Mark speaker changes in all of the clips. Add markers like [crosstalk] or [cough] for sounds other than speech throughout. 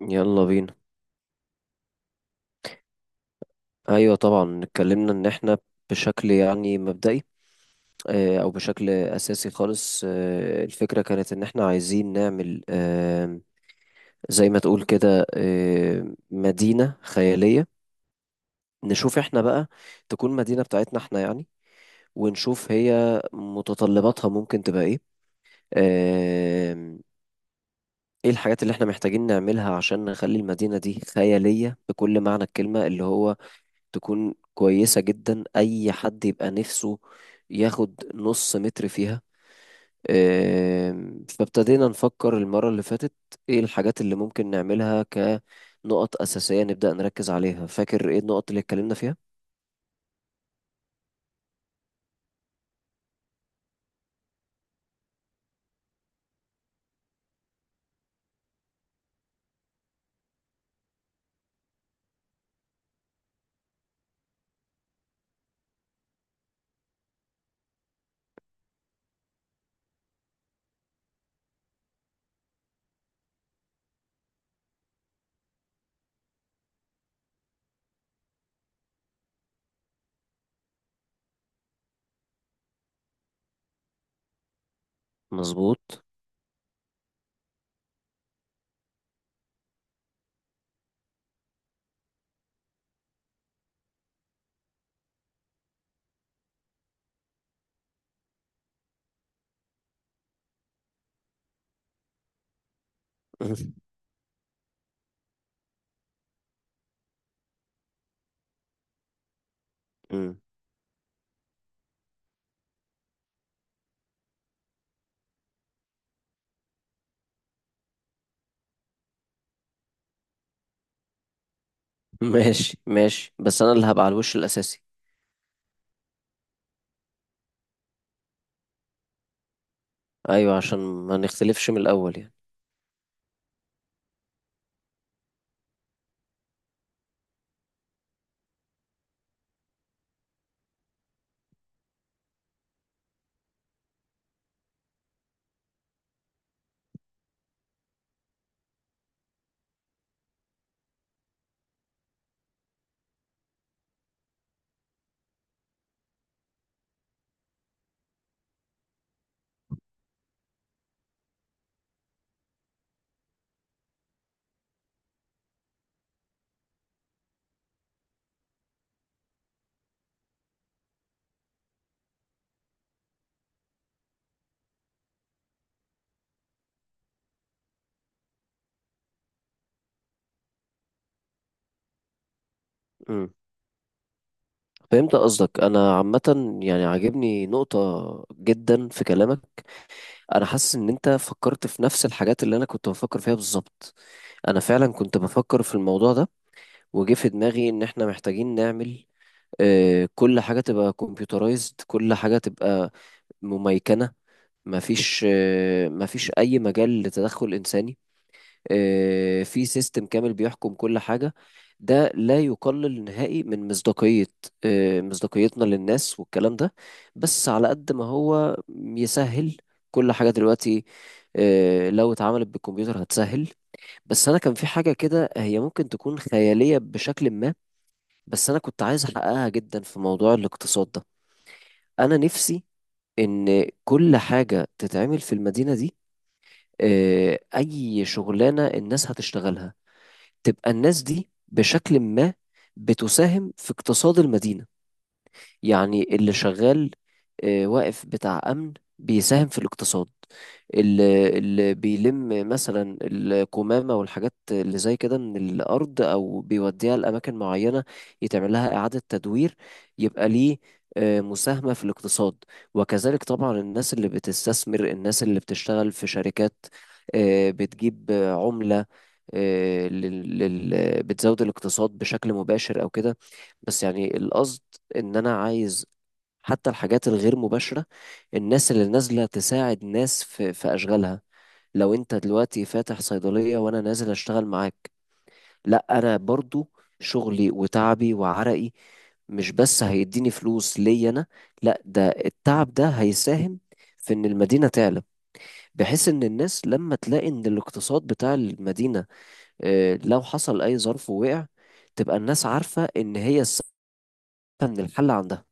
Speaker 1: يلا بينا. ايوه طبعا اتكلمنا ان احنا بشكل يعني مبدئي، او بشكل اساسي خالص، الفكره كانت ان احنا عايزين نعمل، زي ما تقول كده، مدينه خياليه. نشوف احنا بقى تكون مدينه بتاعتنا احنا يعني، ونشوف هي متطلباتها ممكن تبقى ايه. آه، ايه الحاجات اللي احنا محتاجين نعملها عشان نخلي المدينه دي خياليه بكل معنى الكلمه، اللي هو تكون كويسة جدا، أي حد يبقى نفسه ياخد نص متر فيها. فابتدينا نفكر المرة اللي فاتت إيه الحاجات اللي ممكن نعملها كنقط أساسية نبدأ نركز عليها. فاكر إيه النقط اللي اتكلمنا فيها؟ مظبوط. [laughs] مم. ماشي ماشي، بس أنا اللي هبقى على الوش الأساسي. أيوة، عشان ما نختلفش من الأول يعني. مم. فهمت قصدك. أنا عامة يعني عاجبني نقطة جدا في كلامك. انا حاسس ان انت فكرت في نفس الحاجات اللي انا كنت بفكر فيها بالظبط. انا فعلا كنت بفكر في الموضوع ده، وجه في دماغي ان احنا محتاجين نعمل، كل حاجة تبقى كمبيوترايزد، كل حاجة تبقى مميكنة. مفيش اي مجال لتدخل انساني. في سيستم كامل بيحكم كل حاجة. ده لا يقلل نهائي من مصداقية، مصداقيتنا للناس والكلام ده. بس على قد ما هو يسهل كل حاجة دلوقتي، لو اتعملت بالكمبيوتر هتسهل. بس أنا كان في حاجة كده هي ممكن تكون خيالية بشكل ما، بس أنا كنت عايز أحققها جدا في موضوع الاقتصاد ده. أنا نفسي إن كل حاجة تتعمل في المدينة دي، أي شغلانة الناس هتشتغلها تبقى الناس دي بشكل ما بتساهم في اقتصاد المدينة. يعني اللي شغال، واقف بتاع أمن، بيساهم في الاقتصاد. اللي بيلم مثلا الكمامة والحاجات اللي زي كده من الأرض أو بيوديها لأماكن معينة يتعمل لها إعادة تدوير، يبقى ليه مساهمة في الاقتصاد. وكذلك طبعا الناس اللي بتستثمر، الناس اللي بتشتغل في شركات بتجيب عملة، بتزود الاقتصاد بشكل مباشر أو كده. بس يعني القصد ان انا عايز حتى الحاجات الغير مباشرة، الناس اللي نازلة تساعد ناس في اشغالها. لو انت دلوقتي فاتح صيدلية وانا نازل اشتغل معاك، لا انا برضو شغلي وتعبي وعرقي مش بس هيديني فلوس ليا انا، لا ده التعب ده هيساهم في ان المدينة تعلى. بحيث ان الناس لما تلاقي ان الاقتصاد بتاع المدينة، لو حصل اي ظرف ووقع، تبقى الناس عارفة ان هي السبب ان الحل عندها.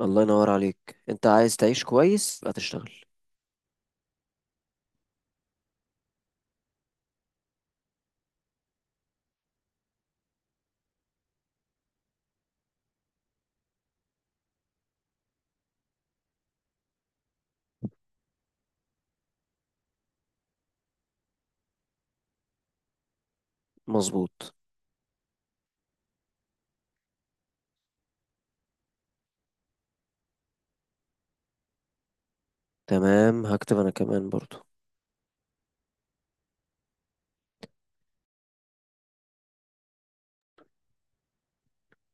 Speaker 1: الله ينور عليك. انت عايز تعيش كويس يبقى تشتغل. مظبوط. تمام، هكتب انا كمان برضو.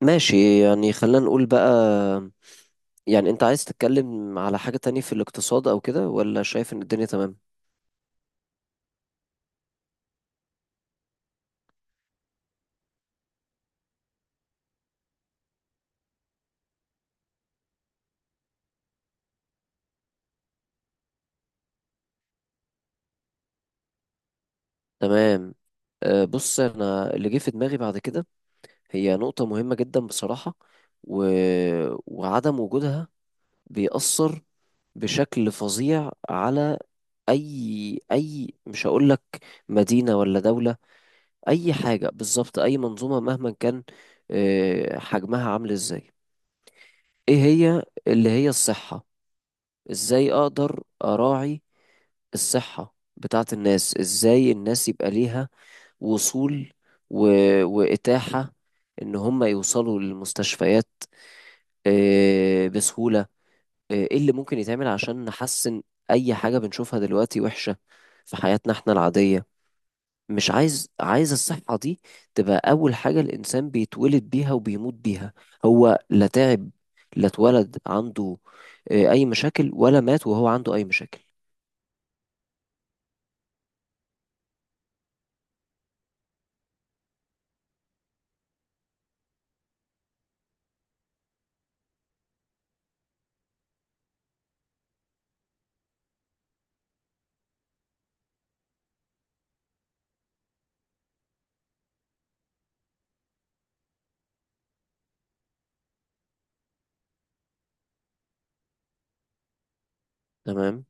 Speaker 1: ماشي يعني خلينا نقول بقى. يعني انت عايز تتكلم على حاجة تانية في الاقتصاد او كده، ولا شايف ان الدنيا تمام؟ تمام. أه بص انا اللي جه في دماغي بعد كده هي نقطة مهمة جدا بصراحة، و... وعدم وجودها بيأثر بشكل فظيع على اي مش هقول لك مدينة ولا دولة، اي حاجة بالظبط، اي منظومة مهما كان حجمها عامل ازاي. ايه هي؟ اللي هي الصحة. ازاي اقدر اراعي الصحة بتاعت الناس. ازاي الناس يبقى ليها وصول و... واتاحة ان هم يوصلوا للمستشفيات بسهولة. ايه اللي ممكن يتعمل عشان نحسن اي حاجة بنشوفها دلوقتي وحشة في حياتنا احنا العادية. مش عايز عايز الصحة دي تبقى أول حاجة الإنسان بيتولد بيها وبيموت بيها. هو لا تعب، لا اتولد عنده أي مشاكل، ولا مات وهو عنده أي مشاكل. تمام.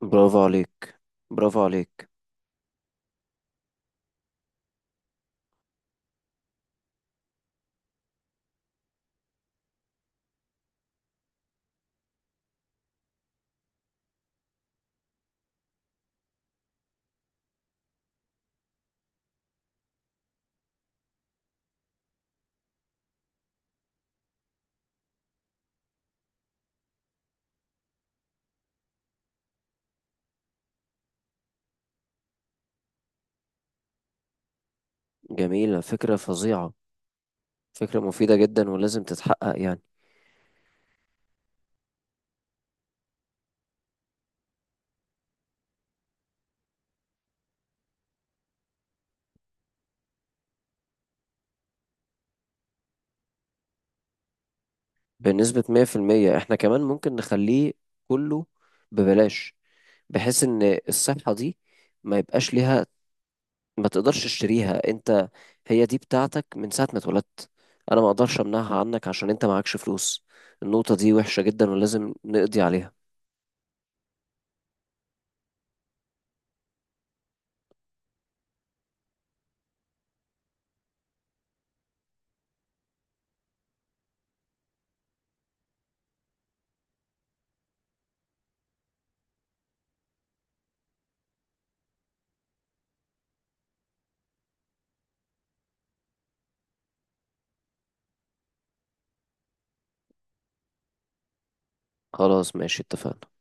Speaker 1: برافو عليك. برافو عليك. جميلة، فكرة فظيعة. فكرة مفيدة جدا ولازم تتحقق يعني. بنسبة 100% احنا كمان ممكن نخليه كله ببلاش، بحيث إن الصحة دي ما يبقاش ليها، ما تقدرش تشتريها انت. هي دي بتاعتك من ساعة ما اتولدت، انا ما اقدرش امنعها عنك عشان انت معكش فلوس. النقطة دي وحشة جدا ولازم نقضي عليها. خلاص ماشي، اتفقنا.